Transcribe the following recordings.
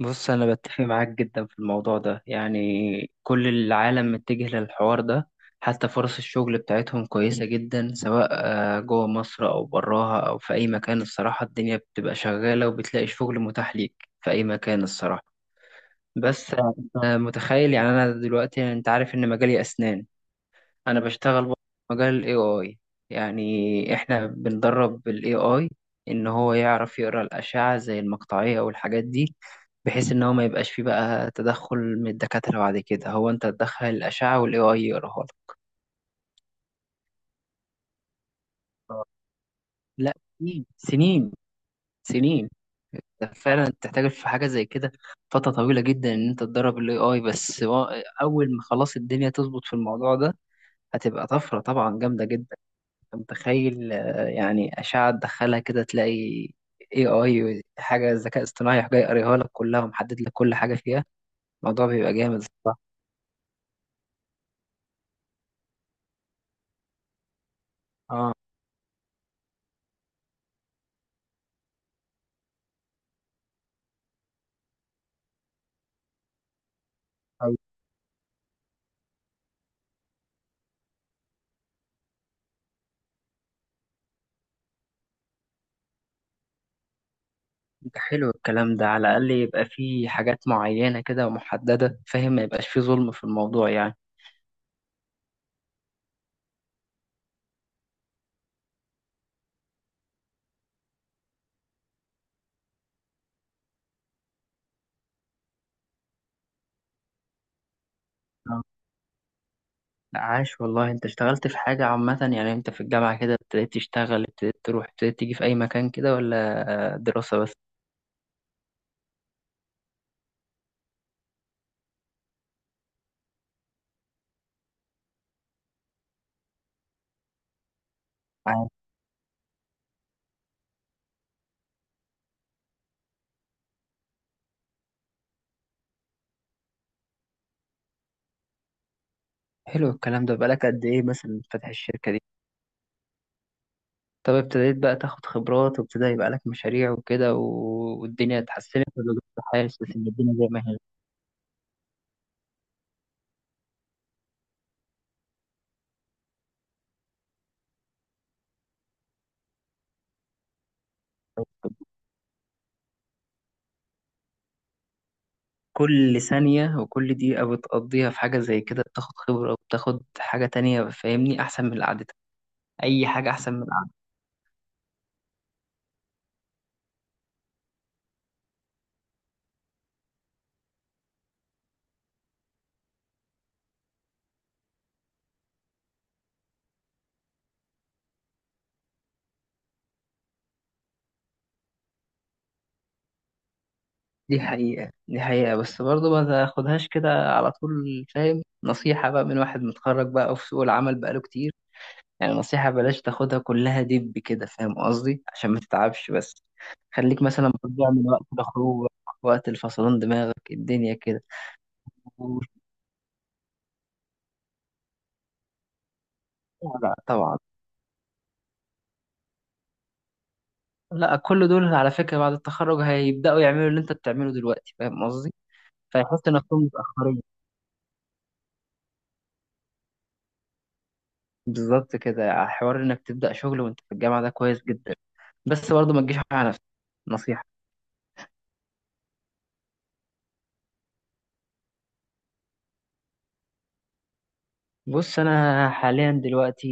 بص، أنا بتفق معاك جدا في الموضوع ده. يعني كل العالم متجه للحوار ده. حتى فرص الشغل بتاعتهم كويسة جدا، سواء جوه مصر أو براها أو في أي مكان، الصراحة. الدنيا بتبقى شغالة وبتلاقي شغل متاح ليك في أي مكان، الصراحة. بس أنت متخيل؟ يعني أنا دلوقتي أنت عارف إن مجالي أسنان. انا بشتغل برضه في مجال الاي اي. يعني احنا بندرب الاي اي ان هو يعرف يقرا الاشعه زي المقطعيه والحاجات دي. بحيث ان هو ما يبقاش فيه بقى تدخل من الدكاتره، بعد كده هو انت تدخل الاشعه والاي اي يقراها لك. لا، سنين سنين سنين. ده فعلا تحتاج في حاجه زي كده فتره طويله جدا ان انت تدرب الاي اي بس اول ما خلاص الدنيا تظبط في الموضوع ده هتبقى طفره طبعا جامده جدا. متخيل؟ يعني أشعة تدخلها كده تلاقي AI، حاجة ذكاء اصطناعي يروح جاي قاريها لك كلها ومحدد لك كل حاجة فيها. الموضوع بيبقى جامد، الصراحة. اه، طيب. ده حلو الكلام ده، على الأقل يبقى فيه حاجات معينة كده ومحددة، فاهم؟ ما يبقاش فيه ظلم في الموضوع يعني. آه. لا، عاش والله. انت اشتغلت في حاجة عامة؟ يعني انت في الجامعة كده ابتديت تشتغل، ابتديت تروح ابتديت تيجي في أي مكان كده ولا دراسة بس؟ عاش. حلو الكلام ده. بقالك قد إيه مثلا فاتح الشركة دي؟ طب ابتديت بقى تاخد خبرات وابتدى يبقى لك مشاريع وكده والدنيا اتحسنت ولا لسه حاسس ان الدنيا زي ما هي؟ كل ثانية وكل دقيقة بتقضيها في حاجة زي كده بتاخد خبرة وبتاخد حاجة تانية، فاهمني؟ أحسن من اللي عادتها. أي حاجة أحسن من العادة. دي حقيقة، دي حقيقة. بس برضه ما تاخدهاش كده على طول، فاهم؟ نصيحة بقى من واحد متخرج بقى وفي سوق العمل بقاله كتير. يعني نصيحة، بلاش تاخدها كلها دب كده، فاهم قصدي؟ عشان ما تتعبش بس. خليك مثلا بتضيع من وقت لخروج، وقت الفصلان دماغك الدنيا كده. ومش- لا طبعا. لا، كل دول على فكرة بعد التخرج هيبدأوا يعملوا اللي انت بتعمله دلوقتي، فاهم قصدي؟ فيحسوا نفسهم متأخرين. بالظبط، كده حوار انك تبدأ شغل وانت في الجامعة ده كويس جدا. بس برضه ما تجيش على نفسك، نصيحة. بص، انا حاليا دلوقتي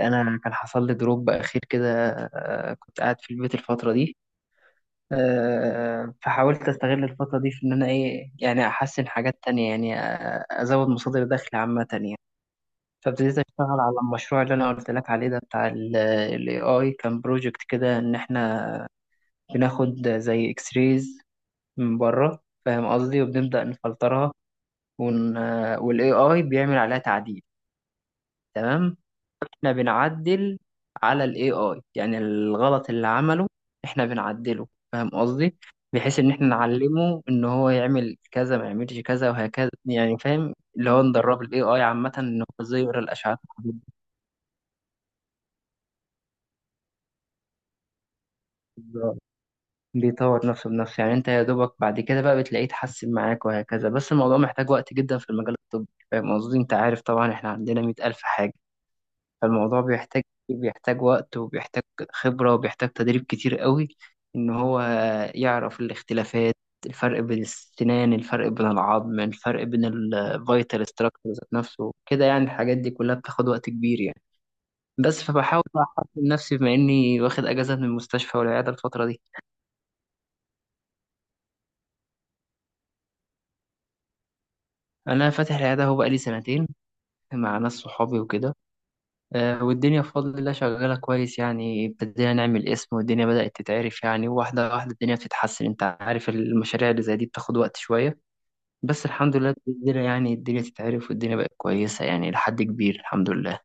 انا كان حصل لي دروب اخير كده. كنت قاعد في البيت الفتره دي. فحاولت استغل الفتره دي في ان انا ايه يعني احسن حاجات تانية، يعني ازود مصادر دخل عامه يعني. فابتديت اشتغل على المشروع اللي انا قلت لك عليه ده، بتاع الاي اي. كان بروجكت كده ان احنا بناخد زي اكس ريز من بره، فاهم قصدي؟ وبنبدا نفلترها ون... والاي اي بيعمل عليها تعديل. تمام، احنا بنعدل على الاي اي، يعني الغلط اللي عمله احنا بنعدله، فاهم قصدي؟ بحيث ان احنا نعلمه ان هو يعمل كذا ما يعملش كذا وهكذا، يعني فاهم؟ اللي هو ندرب الاي اي عامه ان هو ازاي يقرا الاشعات. بالظبط. بيطور نفسه بنفسه، يعني انت يا دوبك بعد كده بقى بتلاقيه يتحسن معاك وهكذا. بس الموضوع محتاج وقت جدا في المجال الطبي، فاهم قصدي؟ انت عارف طبعا احنا عندنا 100000 حاجه. فالموضوع بيحتاج وقت وبيحتاج خبرة وبيحتاج تدريب كتير قوي، إن هو يعرف الاختلافات. الفرق بين السنان، الفرق بين العظم، الفرق بين الفيتال ستراكشر ذات نفسه كده، يعني الحاجات دي كلها بتاخد وقت كبير يعني. بس فبحاول بقى أحسن نفسي، بما إني واخد أجازة من المستشفى والعيادة الفترة دي. أنا فاتح العيادة هو بقالي سنتين، مع ناس صحابي وكده. والدنيا بفضل الله شغالة كويس، يعني ابتدينا نعمل اسم والدنيا بدأت تتعرف، يعني واحدة واحدة الدنيا بتتحسن. انت عارف المشاريع اللي زي دي بتاخد وقت شوية. بس الحمد لله الدنيا يعني الدنيا تتعرف، والدنيا بقت كويس يعني لحد كبير، الحمد لله.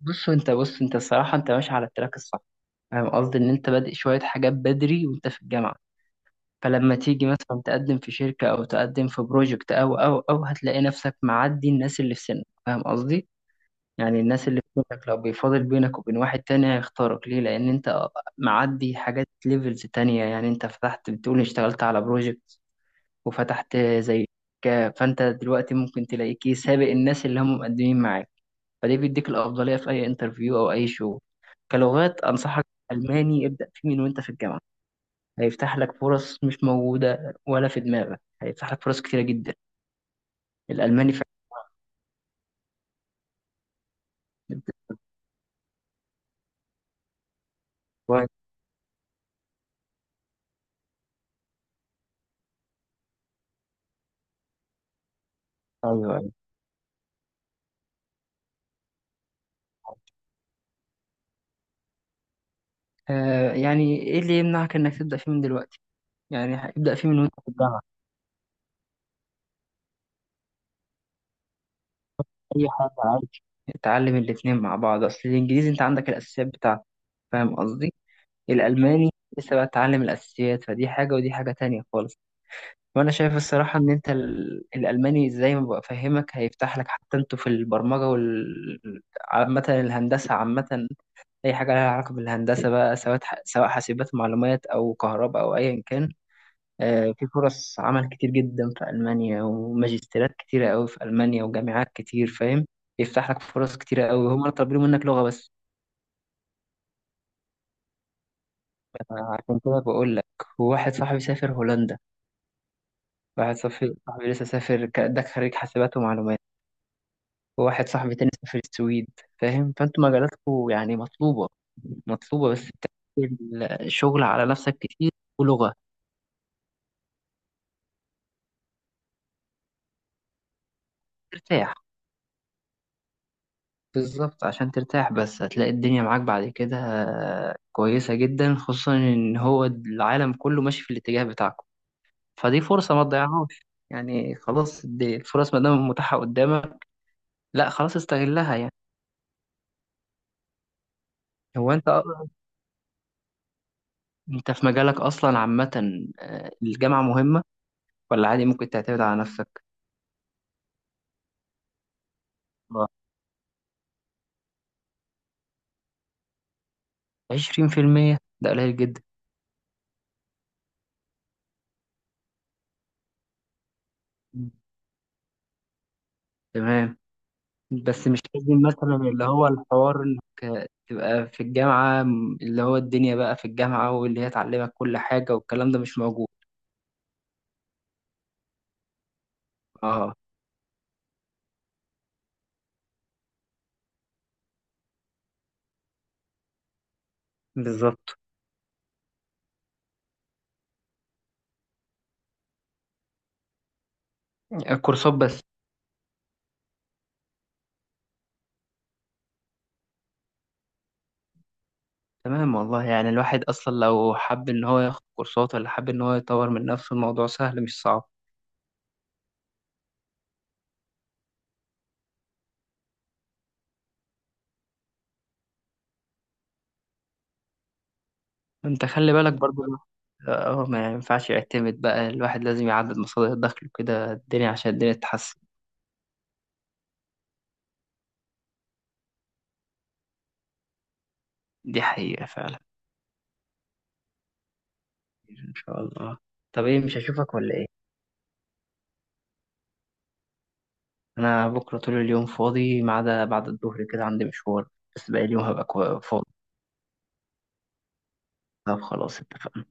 بص انت الصراحة انت ماشي على التراك الصح، فاهم قصدي؟ ان انت بادئ شوية حاجات بدري وانت في الجامعة. فلما تيجي مثلا تقدم في شركة او تقدم في بروجكت او هتلاقي نفسك معدي الناس اللي في سنك، فاهم قصدي؟ يعني الناس اللي في بينك، لو بيفاضل بينك وبين واحد تاني هيختارك ليه؟ لأن أنت معدي حاجات ليفلز تانية، يعني أنت فتحت بتقول اشتغلت على بروجكت وفتحت زي فأنت دلوقتي ممكن تلاقيك إيه، سابق الناس اللي هم مقدمين معاك. فده بيديك الأفضلية في أي انترفيو أو أي شغل. كلغات أنصحك ألماني، ابدأ فيه من وأنت في الجامعة. هيفتح لك فرص مش موجودة ولا في دماغك، هيفتح لك فرص كتيرة جدا، الألماني فعلا. كويس. أيوه، أيوه. آه، يعني إيه اللي يمنعك إنك تبدأ فيه من دلوقتي؟ يعني ابدأ فيه من وانت في الجامعة، أي حاجة عادي. اتعلم الاتنين مع بعض. أصل الإنجليزي أنت عندك الأساسيات بتاعته، فاهم قصدي؟ الألماني لسه بقى تتعلم الأساسيات، فدي حاجة ودي حاجة تانية خالص. وأنا شايف الصراحة إن أنت الألماني زي ما بفهمك هيفتح لك، حتى أنتوا في البرمجة وال عامة، الهندسة عامة. أي حاجة لها علاقة بالهندسة بقى، سواء حاسبات معلومات أو كهرباء أو أيا كان. في فرص عمل كتير جدا في ألمانيا، وماجستيرات كتيرة قوي في ألمانيا، وجامعات كتير، فاهم؟ يفتح لك فرص كتيرة قوي، هما طالبين منك لغة بس. عشان كده بقول لك. وواحد صاحبي سافر هولندا، واحد صاحبي لسه سافر ده خريج حاسبات ومعلومات، وواحد صاحبي تاني سافر السويد، فاهم؟ فانتوا مجالاتكم يعني مطلوبة، مطلوبة. بس بتعمل شغل على نفسك كتير ولغة. ترتاح، بالظبط، عشان ترتاح. بس هتلاقي الدنيا معاك بعد كده كويسة جدا، خصوصا إن هو العالم كله ماشي في الاتجاه بتاعكم. فدي فرصة ما تضيعهاش، يعني خلاص دي الفرص ما دام متاحة قدامك، لا خلاص استغلها يعني. هو أنت في مجالك أصلا عامة الجامعة مهمة ولا عادي ممكن تعتمد على نفسك؟ آه، 20% ده قليل جدا. تمام. بس مش لازم مثلا اللي هو الحوار انك تبقى في الجامعة اللي هو الدنيا بقى في الجامعة واللي هي تعلمك كل حاجة، والكلام ده مش موجود. اه، بالظبط، كورسات بس. تمام والله، يعني الواحد اصلا لو حب ان هو ياخد كورسات ولا حب ان هو يطور من نفسه، الموضوع سهل مش صعب. انت خلي بالك برضو، اه، ما ينفعش يعتمد بقى. الواحد لازم يعدد مصادر دخله كده الدنيا، عشان الدنيا تتحسن. دي حقيقة فعلا. ان شاء الله. طب ايه، مش هشوفك ولا ايه؟ انا بكره طول اليوم فاضي، ما عدا بعد الظهر كده عندي مشوار، بس باقي اليوم هبقى فاضي. طب خلاص، اتفقنا.